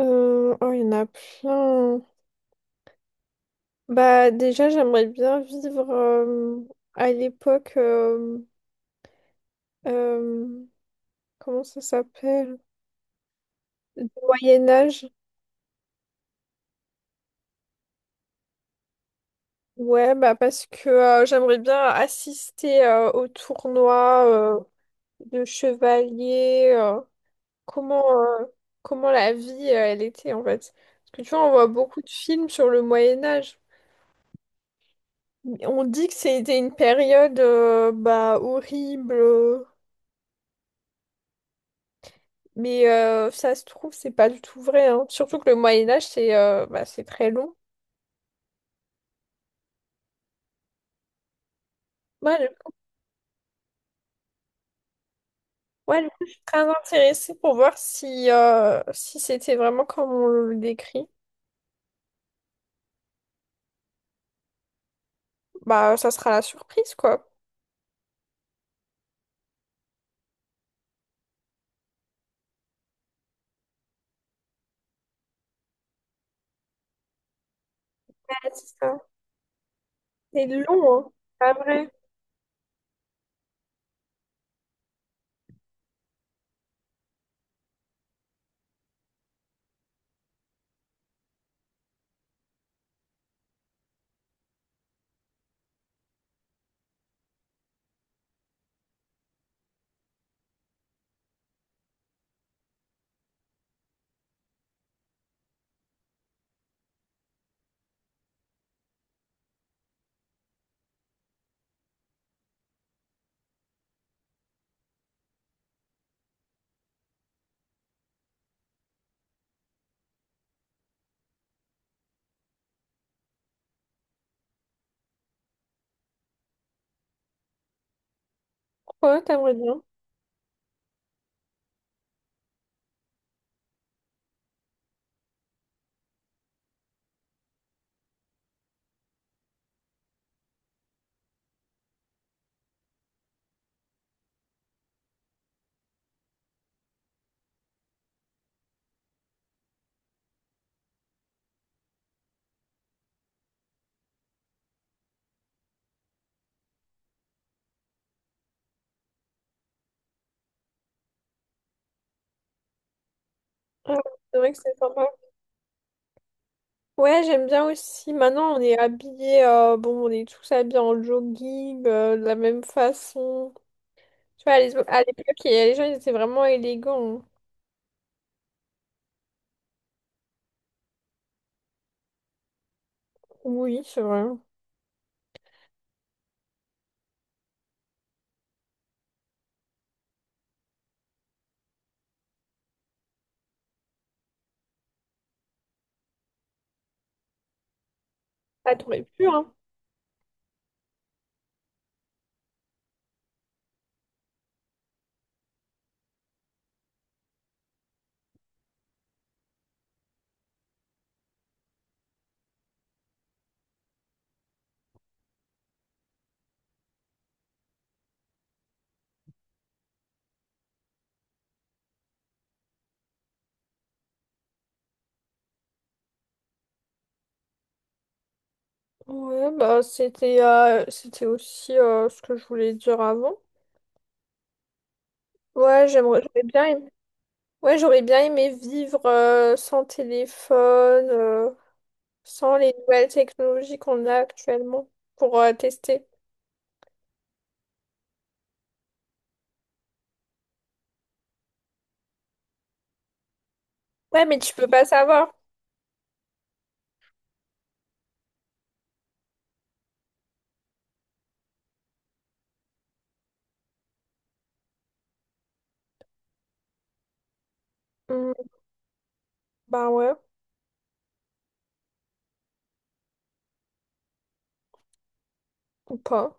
Oh, il y en a plein. Bah, déjà, j'aimerais bien vivre à l'époque. Euh, Comment ça s'appelle? Moyen-Âge. Ouais, bah, parce que j'aimerais bien assister au tournoi euh, de chevalier. Comment, euh, Comment la vie elle était, en fait. Parce que tu vois, on voit beaucoup de films sur le Moyen-Âge. On dit que c'était une période bah, horrible. Mais ça se trouve, c'est pas du tout vrai, hein. Surtout que le Moyen Âge, c'est bah, c'est très long. Moi, du Ouais, du coup, je suis très intéressée pour voir si, si c'était vraiment comme on le décrit. Bah, ça sera la surprise, quoi. Ouais, c'est ça. C'est long, hein. Pas vrai. Ouais, t'aimerais bien. Ouais, c'est vrai que c'est sympa. Ouais, j'aime bien aussi. Maintenant, on est habillés, bon, on est tous habillés en jogging, de la même façon. Tu vois, à l'époque, les gens, ils étaient vraiment élégants. Oui, c'est vrai. Ah, t'aurais pu, hein. Ouais, bah c'était c'était aussi ce que je voulais dire avant. J'aurais bien aimé... Ouais, j'aurais bien aimé vivre sans téléphone, sans les nouvelles technologies qu'on a actuellement pour tester. Ouais, mais tu peux pas savoir. Hmm, bah ouais, ou pas.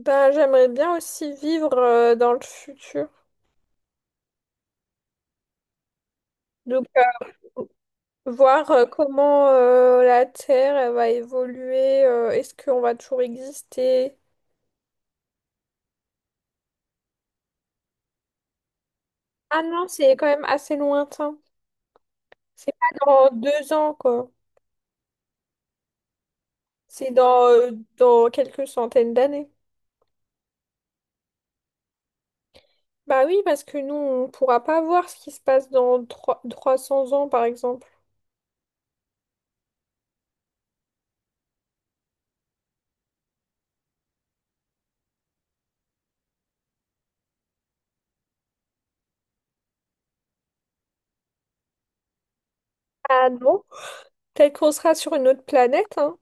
Ben j'aimerais bien aussi vivre dans le futur. Donc euh, voir comment la Terre elle va évoluer, est-ce qu'on va toujours exister? Ah non, c'est quand même assez lointain. C'est pas dans deux ans, quoi. C'est dans, euh, dans quelques centaines d'années. Bah oui, parce que nous, on pourra pas voir ce qui se passe dans 300 ans, par exemple. Ah non? Peut-être qu'on sera sur une autre planète, hein.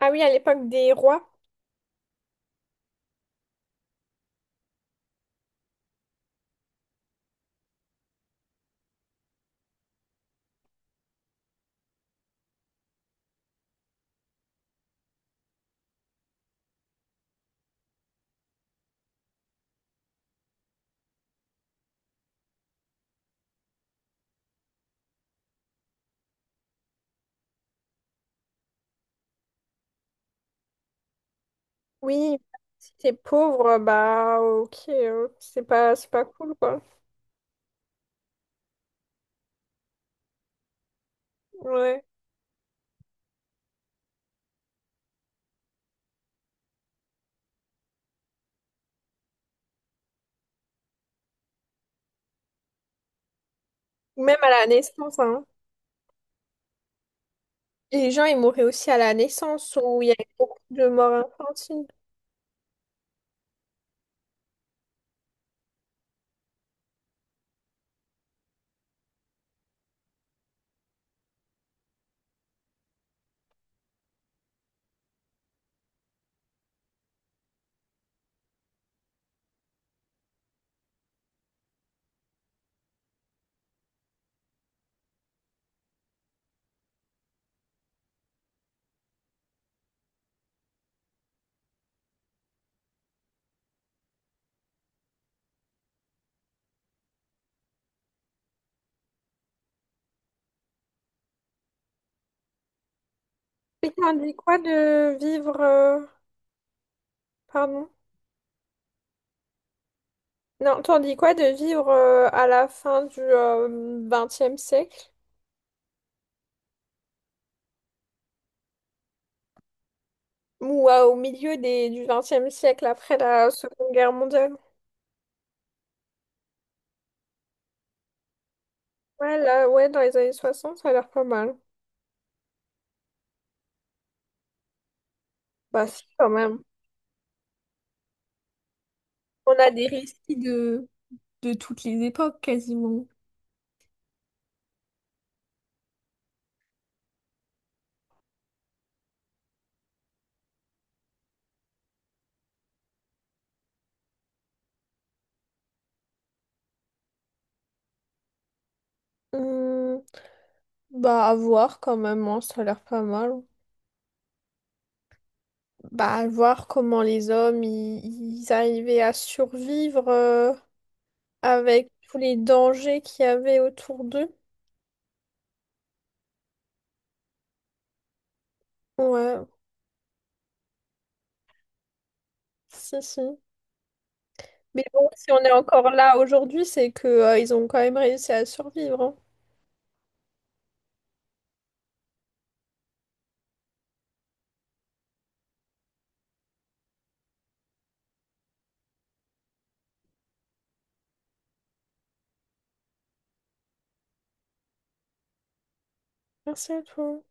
Ah oui, à l'époque des rois. Oui, si t'es pauvre, bah ok, c'est pas cool, quoi. Ouais. Ou même à la naissance, hein. Les gens, ils mouraient aussi à la naissance, où il y avait beaucoup de morts infantiles. Et t'en dis quoi de vivre... Pardon? Non, t'en dis quoi de vivre à la fin du XXe siècle? Ou au milieu du XXe siècle, après la Seconde Guerre mondiale? Ouais, là, ouais, dans les années 60, ça a l'air pas mal. Bah si, quand même. On a des récits de toutes les époques quasiment. Hmm, bah à voir quand même, hein, ça a l'air pas mal. Bah à voir comment les hommes, ils arrivaient à survivre, avec tous les dangers qu'il y avait autour d'eux. Ouais, si, si. Mais bon, si on est encore là aujourd'hui, c'est que, ils ont quand même réussi à survivre, hein. Merci à toi.